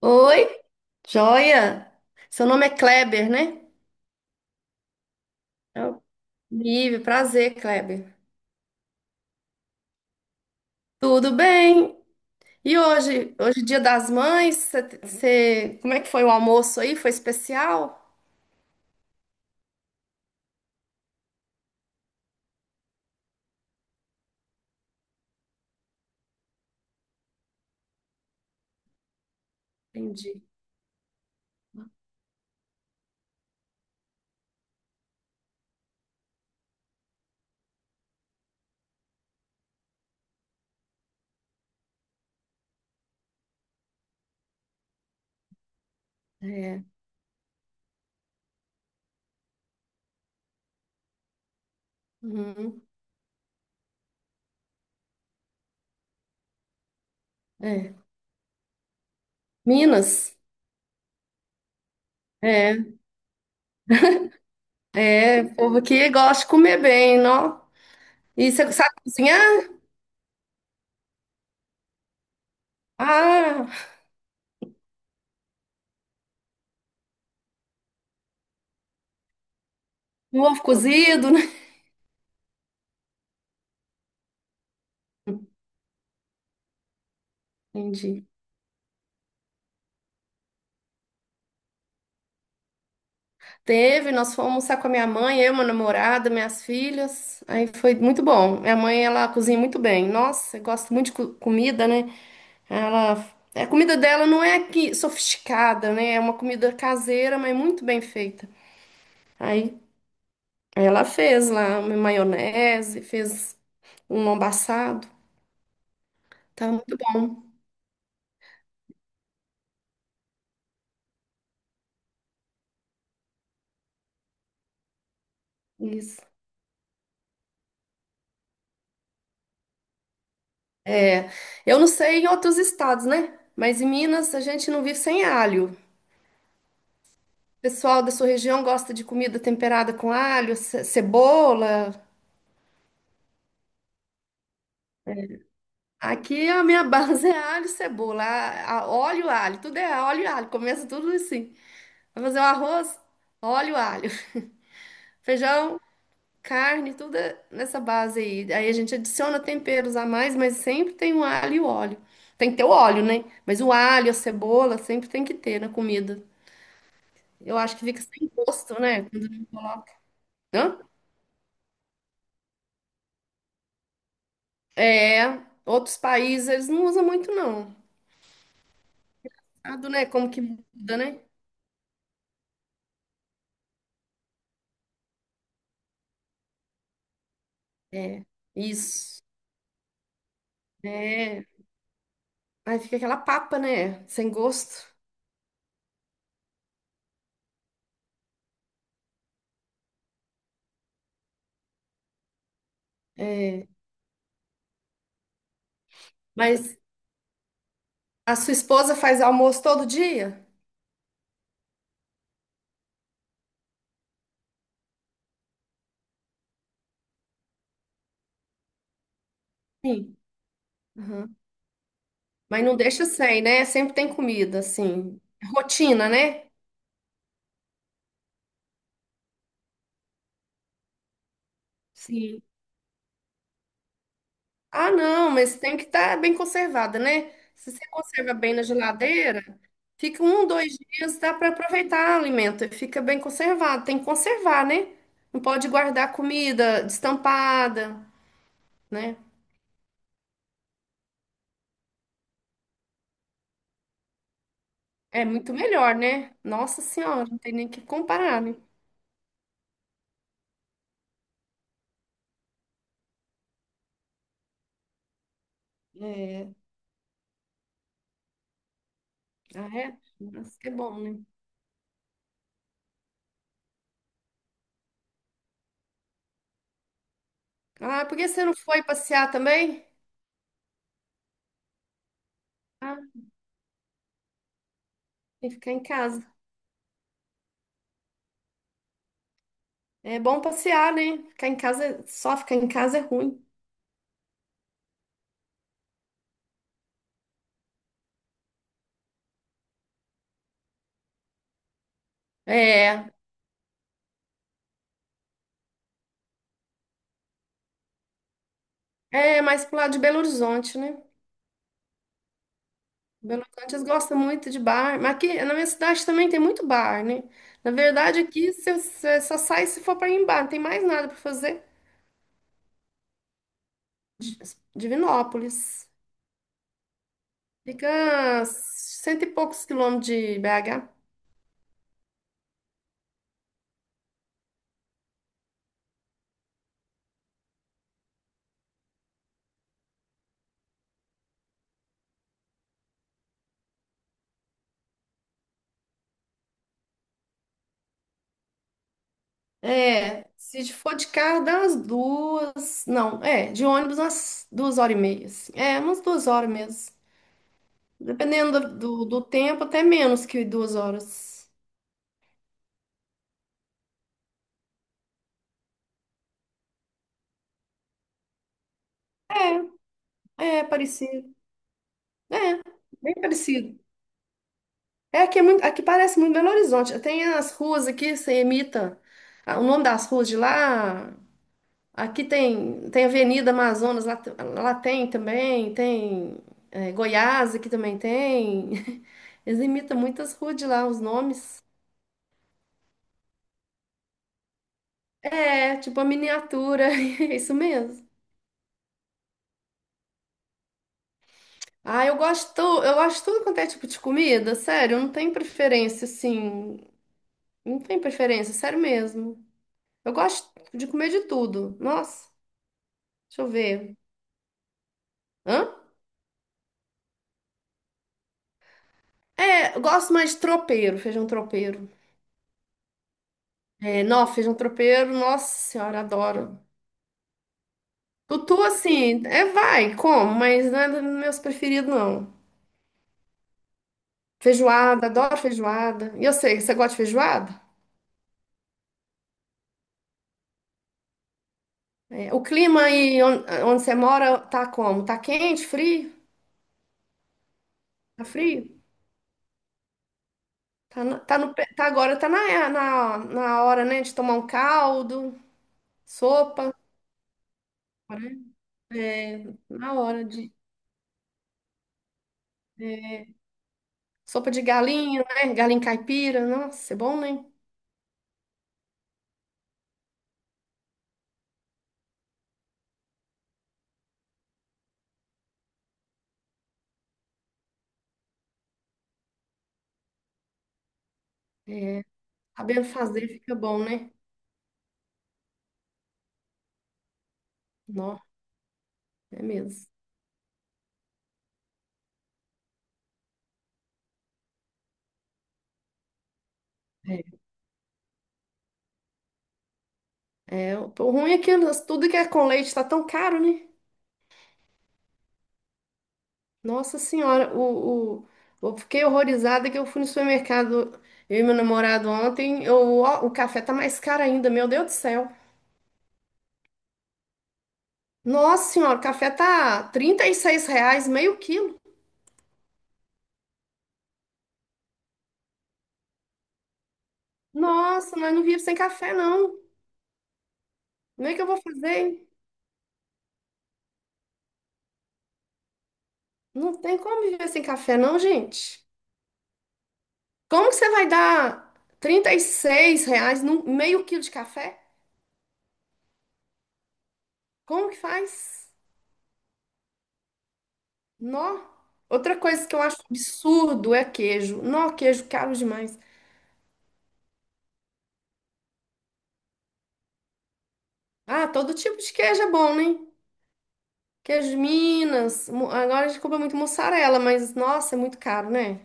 Oi, joia! Seu nome é Kleber, né? É o Live, prazer, Kleber. Tudo bem? E hoje é dia das mães, como é que foi o almoço aí? Foi especial? Entendi. É. Uhum. É. Minas? É. É, o povo aqui gosta de comer bem, não? E você sabe cozinhar? Ah, um ovo cozido, né? Entendi. Teve, nós fomos almoçar com a minha mãe, eu, meu namorado, minhas filhas. Aí foi muito bom. Minha mãe, ela cozinha muito bem. Nossa, eu gosto muito de comida, né? Ela, é, a comida dela não é que sofisticada, né? É uma comida caseira, mas muito bem feita. Aí ela fez lá uma maionese, fez um lombo assado. Tá muito bom. Isso. É, eu não sei em outros estados, né? Mas em Minas a gente não vive sem alho. Pessoal da sua região gosta de comida temperada com alho, cebola? Aqui a minha base é alho, cebola, óleo, alho, tudo é óleo e alho, começa tudo assim. Vai fazer o arroz, óleo, alho, feijão, carne, tudo é nessa base aí. Aí a gente adiciona temperos a mais, mas sempre tem o alho e o óleo. Tem que ter o óleo, né? Mas o alho, a cebola, sempre tem que ter na comida. Eu acho que fica sem gosto, né? Hã? É, outros países eles não usam muito, não. Ado, né? Como que muda, né? É, isso. É. Aí fica aquela papa, né? Sem gosto. É. Mas a sua esposa faz almoço todo dia? Sim. Aham. Mas não deixa sem, né? Sempre tem comida, assim. Rotina, né? Sim. Ah, não, mas tem que estar bem conservada, né? Se você conserva bem na geladeira, fica um, 2 dias, dá para aproveitar o alimento, e fica bem conservado. Tem que conservar, né? Não pode guardar comida destampada, né? É muito melhor, né? Nossa Senhora, não tem nem o que comparar, né? É. Ah, é? Nossa, que bom, né? Ah, por que você não foi passear também? Ah, tem que ficar em casa. É bom passear, né? Ficar em casa, só ficar em casa é ruim. É, é mais pro lado de Belo Horizonte, né? Belo Horizonte eles gostam muito de bar, mas aqui na minha cidade também tem muito bar, né? Na verdade, aqui você só sai se for para ir em bar, não tem mais nada para fazer. Di- Divinópolis. Fica a cento e poucos quilômetros de BH. É, se for de carro, dá umas duas. Não, é, de ônibus, umas duas horas e meia, assim. É, umas 2 horas mesmo. Dependendo do tempo, até menos que 2 horas. É, é parecido. É, bem parecido. É, aqui, é muito, aqui parece muito Belo Horizonte. Tem as ruas aqui, você imita o nome das ruas de lá. Aqui tem Avenida Amazonas, lá, lá tem também, tem é, Goiás, aqui também tem. Eles imitam muitas ruas de lá, os nomes. É, tipo a miniatura, é isso mesmo. Ah, eu gosto de tudo quanto é tipo de comida, sério, eu não tenho preferência, assim, não tenho preferência, sério mesmo. Eu gosto de comer de tudo. Nossa, deixa eu ver. Hã? É, eu gosto mais de tropeiro, feijão tropeiro. É, não, feijão tropeiro, nossa senhora, adoro. Tutu, assim, é vai, como, mas não é dos meus preferidos, não. Feijoada, adoro feijoada. E eu sei, você gosta de feijoada? É, o clima aí onde, você mora tá como? Tá quente, frio? Tá frio? Tá, tá, no, pe- tá agora, tá na hora, né, de tomar um caldo, sopa, né? é, na hora de. É, sopa de galinha, né? Galinha caipira, nossa, é bom, né? É, sabendo fazer fica bom, né? Não, é mesmo. É. É, o ruim é que tudo que é com leite tá tão caro, né? Nossa Senhora, eu fiquei horrorizada que eu fui no supermercado, eu e meu namorado ontem, eu, ó, o café tá mais caro ainda, meu Deus do céu. Nossa Senhora, o café tá R$ 36 meio quilo. Nossa, nós não vivemos sem café, não. Como é que eu vou fazer? Hein? Não tem como viver sem café, não, gente. Como que você vai dar R$ 36 num meio quilo de café? Como que faz? Nó. Outra coisa que eu acho absurdo é queijo. Nó, queijo caro demais. Ah, todo tipo de queijo é bom, né? Queijo de Minas. Agora a gente compra muito mussarela, mas nossa, é muito caro, né?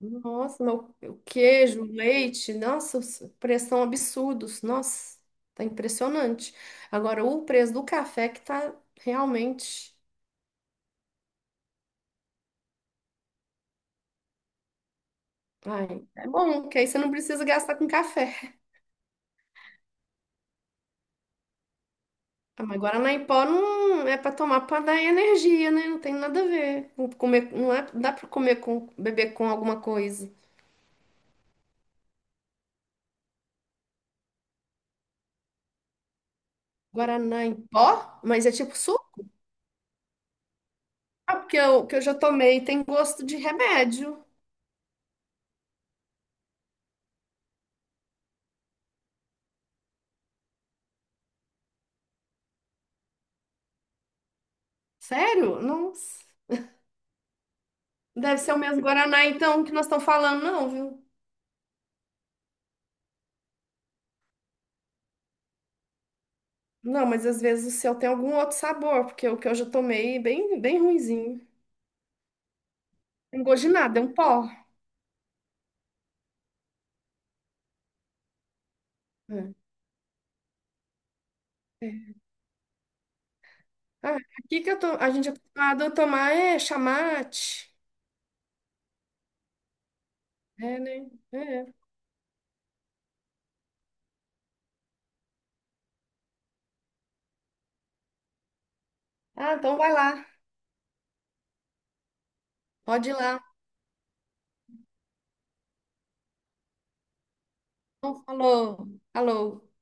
Nossa, meu, o queijo, o leite, nossa, os preços são absurdos. Nossa, tá impressionante. Agora, o preço do café que tá realmente. Ai, é bom, que aí você não precisa gastar com café. Ah, mas Guaraná em pó não é para tomar para dar energia, né? Não tem nada a ver. Com comer, não é, dá para comer com beber com alguma coisa. Guaraná em pó? Mas é tipo suco? Ah, porque eu, que eu já tomei tem gosto de remédio. Sério? Nossa. Deve ser o mesmo Guaraná então que nós estamos falando, não, viu? Não, mas às vezes o seu tem algum outro sabor, porque o que eu já tomei é bem, bem ruinzinho. Não tem gosto de nada, é um pó. É. É. Ah, aqui que eu tô, a gente é acostumado a tomar é chamate. É, né? É. Ah, então vai lá. Pode ir lá. Então, falou. Falou.